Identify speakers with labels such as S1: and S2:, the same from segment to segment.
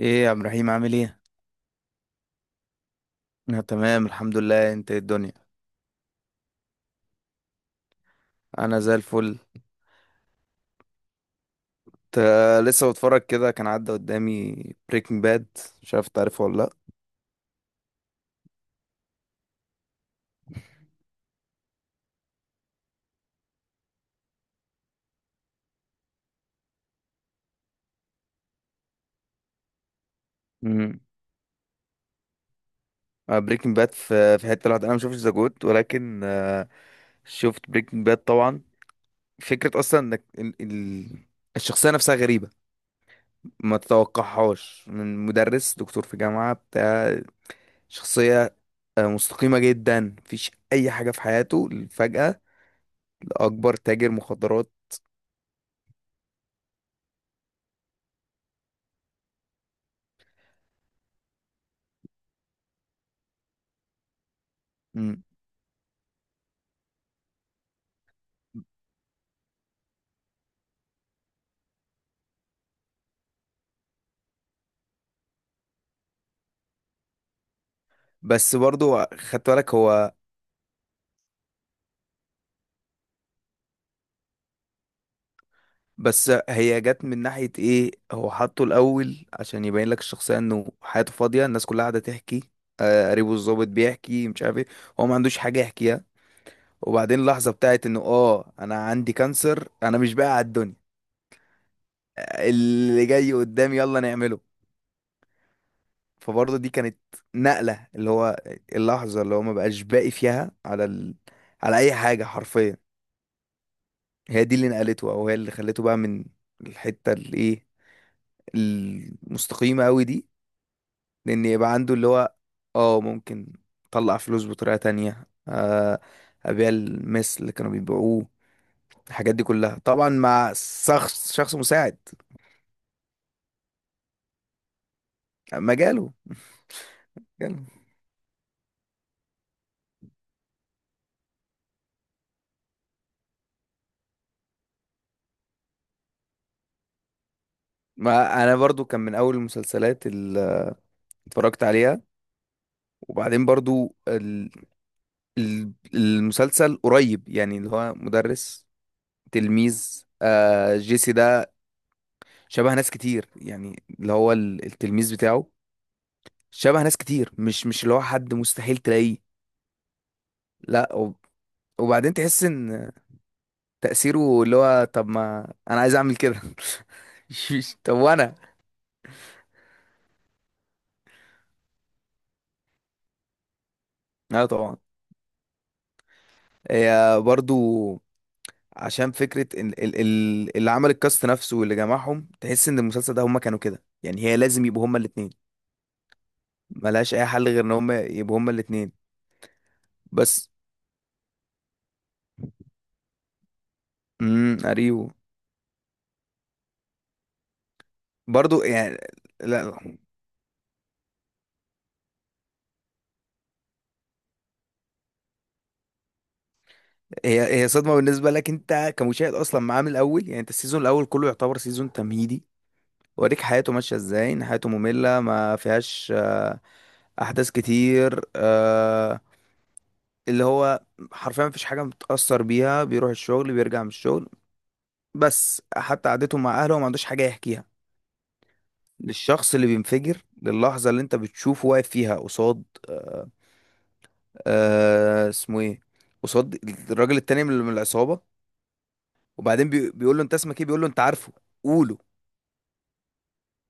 S1: ايه يا عبد الرحيم عامل ايه؟ انا تمام الحمد لله، انت إيه الدنيا؟ انا زي الفل. لسه بتفرج كده، كان عدى قدامي بريكنج باد. مش عارف تعرفه ولا لا؟ امم بريكنج باد في حته لوحدها، انا ما شفتش ذا جود، ولكن شفت بريكنج باد طبعا. فكره اصلا انك، الشخصيه نفسها غريبه، ما تتوقعهاش من مدرس دكتور في جامعه، بتاع شخصيه، مستقيمه جدا، مفيش اي حاجه في حياته، فجاه لاكبر تاجر مخدرات. بس برضو خدت بالك هو. بس هي جت من ناحية ايه؟ هو حطه الأول عشان يبين لك الشخصية انه حياته فاضية، الناس كلها قاعدة تحكي، قريبه الظابط بيحكي، مش عارف ايه. هو ما عندوش حاجة يحكيها. وبعدين اللحظة بتاعت انه انا عندي كانسر، انا مش باقي على الدنيا، اللي جاي قدامي يلا نعمله. فبرضه دي كانت نقلة، اللي هو اللحظة اللي هو ما بقاش باقي فيها على على أي حاجة حرفيا. هي دي اللي نقلته، أو هي اللي خلته بقى من الحتة الإيه المستقيمة قوي دي، لان يبقى عنده اللي هو اه ممكن، طلع فلوس بطريقة تانية، ابيع المس اللي كانوا بيبيعوه، الحاجات دي كلها طبعا مع شخص مساعد، مجاله مجاله. ما انا برضو كان من اول المسلسلات اللي اتفرجت عليها. وبعدين برضو المسلسل قريب، يعني اللي هو مدرس، تلميذ، آه جيسي ده، شبه ناس كتير، يعني اللي هو التلميذ بتاعه شبه ناس كتير، مش اللي هو حد مستحيل تلاقيه. لا وبعدين تحس ان تأثيره، اللي هو طب ما انا عايز اعمل كده. طب وانا. لا طبعا، هي برضو عشان فكرة اللي عمل الكاست نفسه واللي جمعهم، تحس ان المسلسل ده هما كانوا كده يعني، هي لازم يبقوا هما الاتنين، ملهاش اي حل غير ان هما يبقوا هما الاتنين بس. اريو. برضو يعني، لا. هي صدمة بالنسبة لك انت كمشاهد اصلا معاه من الاول يعني، انت السيزون الاول كله يعتبر سيزون تمهيدي، وريك حياته ماشية ازاي، ان حياته مملة ما فيهاش احداث كتير، اللي هو حرفيا مفيش حاجة متأثر بيها، بيروح الشغل بيرجع من الشغل، بس حتى قعدته مع اهله ما عندوش حاجة يحكيها، للشخص اللي بينفجر، للحظة اللي انت بتشوفه واقف فيها قصاد اسمه ايه، قصاد الراجل التاني من العصابة. وبعدين بيقول له انت اسمك ايه، بيقول له انت عارفه، قوله،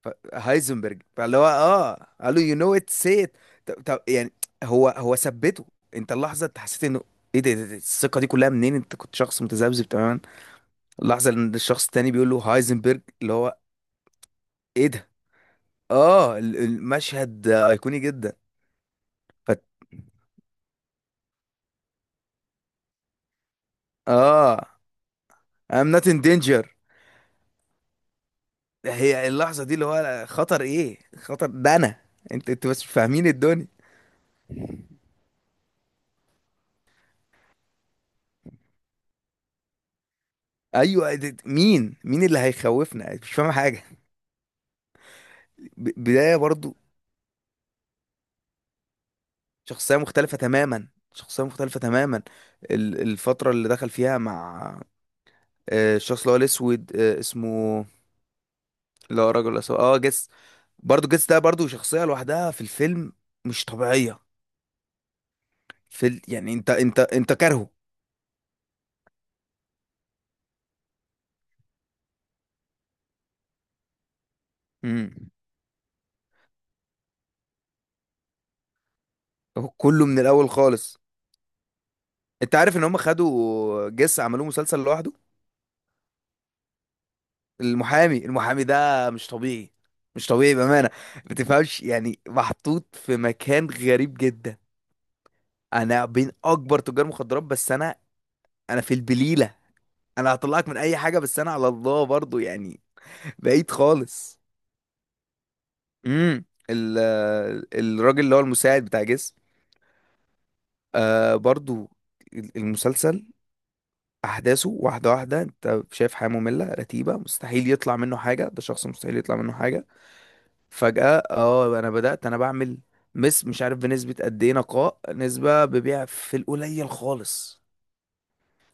S1: هايزنبرج، فاللي هو قال له يو نو ات سي ات. طب طب يعني، هو ثبته، انت اللحظه انت حسيت انه ايه ده الثقه دي كلها منين؟ انت كنت شخص متذبذب تماما، اللحظه ان الشخص التاني بيقول له هايزنبرج اللي هو. ايه ده، اه المشهد ايقوني جدا. ف... اه I'm not in danger. هي اللحظه دي اللي هو خطر ايه، خطر ده انا، انت بس مش فاهمين الدنيا. ايوه، مين اللي هيخوفنا، مش فاهم حاجه. بدايه برضو. شخصية مختلفة تماما، شخصية مختلفة تماما. الفترة اللي دخل فيها مع، الشخص اللي هو الأسود، اسمه، اللي هو الراجل الأسود، جس. برضه جس ده برضه شخصية لوحدها في الفيلم، مش طبيعية، يعني، انت كارهه. امم هو كله من الأول خالص. انت عارف ان هم خدوا جس عملوه مسلسل لوحده. المحامي ده مش طبيعي، مش طبيعي بأمانة. ما تفهمش يعني، محطوط في مكان غريب جدا. انا بين اكبر تجار مخدرات، بس انا في البليله، انا هطلعك من اي حاجه، بس انا على الله برضو يعني. بعيد خالص. امم ال الراجل اللي هو المساعد بتاع جسم، برضو. المسلسل، احداثه واحده واحده، انت شايف حياه ممله رتيبه، مستحيل يطلع منه حاجه، ده شخص مستحيل يطلع منه حاجه، فجاه انا بدات، انا بعمل مش عارف بنسبه قد ايه نقاء، نسبه ببيع في القليل خالص،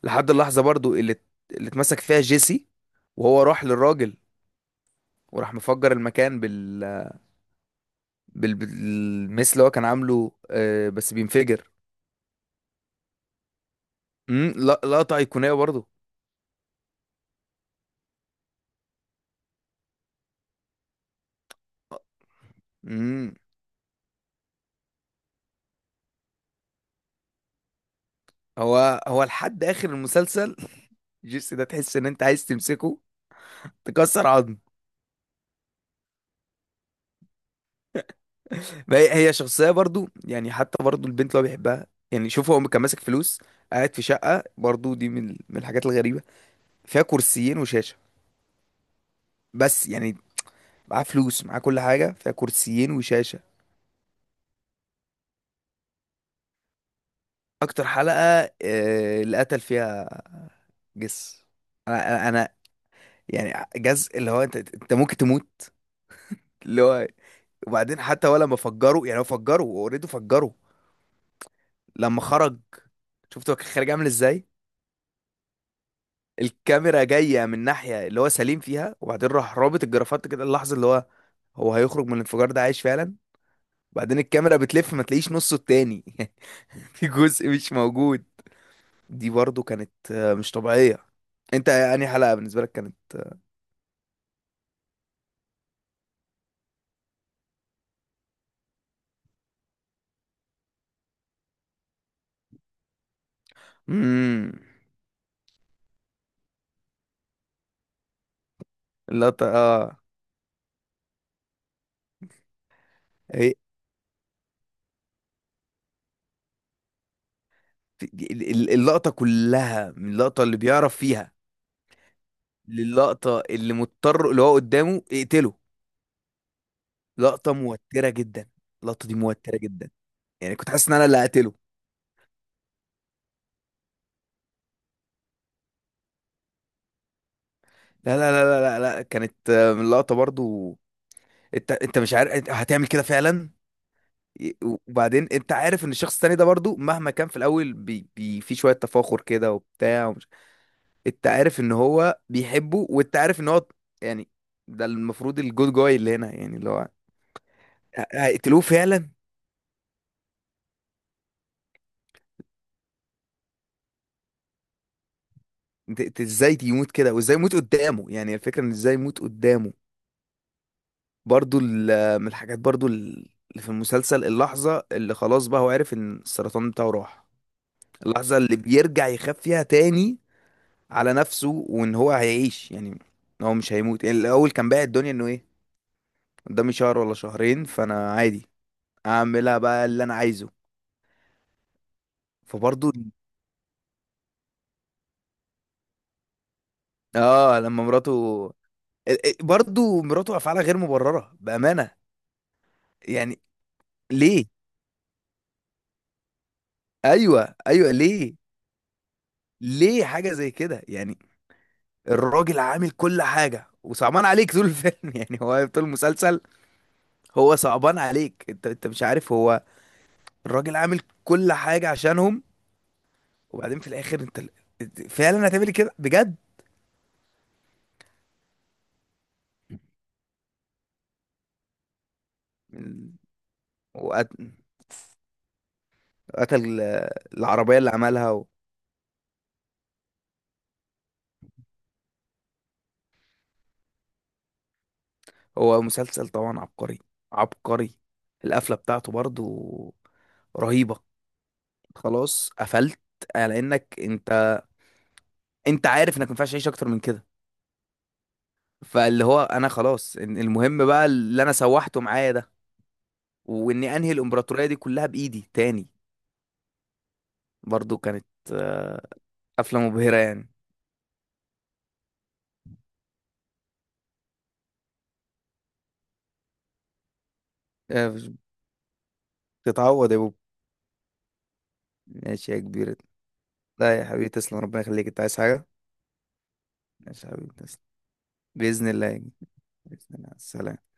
S1: لحد اللحظة برضو اللي اتمسك فيها جيسي، وهو راح للراجل، وراح مفجر المكان بالمس اللي هو كان عامله، بس بينفجر. لقطة أيقونية برضو. امم هو لحد آخر المسلسل. جيسي ده تحس إن أنت عايز تمسكه تكسر عظم. ما هي شخصية برضو يعني، حتى برضو البنت اللي هو بيحبها، يعني شوف، هو كان ماسك فلوس، قاعد في شقة، برضو دي من الحاجات الغريبة، فيها كرسيين وشاشة، بس يعني، معاه فلوس، معاه كل حاجة، فيها كرسيين وشاشة. أكتر حلقة، اللي قتل فيها جس، أنا يعني، جز اللي هو، أنت ممكن تموت، اللي هو. وبعدين حتى هو لما فجروا، يعني هو فجروا أوريدي فجروا، لما خرج، شفت هو كان خارج عامل إزاي، الكاميرا جاية من ناحية اللي هو سليم فيها، وبعدين راح رابط الجرافات كده، اللحظة اللي هو هيخرج من الانفجار ده عايش فعلا، وبعدين الكاميرا بتلف، ما تلاقيش نصه التاني. في جزء مش موجود. دي برضو كانت مش طبيعية. انت يعني حلقة بالنسبة لك كانت. امم اللقطة، هي- اللقطة كلها من اللقطة اللي بيعرف فيها، للقطة اللي مضطر اللي هو قدامه اقتله. لقطة موترة جدا، اللقطة دي موترة جدا، يعني كنت حاسس ان انا اللي هقتله. لا، لا، لا، لا، لا، لا، كانت من اللقطة برضو. انت مش عارف انت هتعمل كده فعلا. وبعدين انت عارف ان الشخص التاني ده برضو، مهما كان في الاول، في شوية تفاخر كده وبتاع. انت عارف ان هو بيحبه، وانت عارف ان هو يعني، ده المفروض الجود جاي اللي هنا يعني اللي هو، هيقتلوه فعلا. انت ازاي يموت كده، وازاي يموت قدامه، يعني الفكره ان ازاي يموت قدامه. برضو من الحاجات برضو اللي في المسلسل، اللحظه اللي خلاص بقى هو عارف ان السرطان بتاعه راح، اللحظه اللي بيرجع يخاف فيها تاني على نفسه، وان هو هيعيش يعني، ان هو مش هيموت يعني. الاول كان بايع الدنيا انه ايه، قدامي شهر ولا شهرين فانا عادي، اعملها بقى اللي انا عايزه. فبرضه اه لما مراته، برضو مراته افعالها غير مبرره بامانه يعني، ليه؟ ايوه، ايوه، ليه؟ ليه حاجه زي كده يعني؟ الراجل عامل كل حاجه، وصعبان عليك طول الفيلم، يعني هو طول المسلسل، هو صعبان عليك، انت مش عارف هو، الراجل عامل كل حاجه عشانهم، وبعدين في الاخر انت فعلا هتعمل كده بجد. وقتل العربيه اللي عملها. هو مسلسل طبعا عبقري، عبقري. القفلة بتاعته برضو رهيبة، خلاص قفلت على انك، انت عارف انك ما ينفعش تعيش اكتر من كده، فاللي هو انا خلاص، المهم بقى اللي انا سوحته معايا ده، واني انهي الامبراطورية دي كلها بايدي تاني. برضو كانت آه، قفلة مبهرة يعني. آه، تتعوض يا بوب. ماشي يا كبير. لا يا حبيبي تسلم، ربنا يخليك، انت عايز حاجة؟ ماشي يا حبيبي، تسلم. بإذن الله يا كبير. بإذن الله، سلام.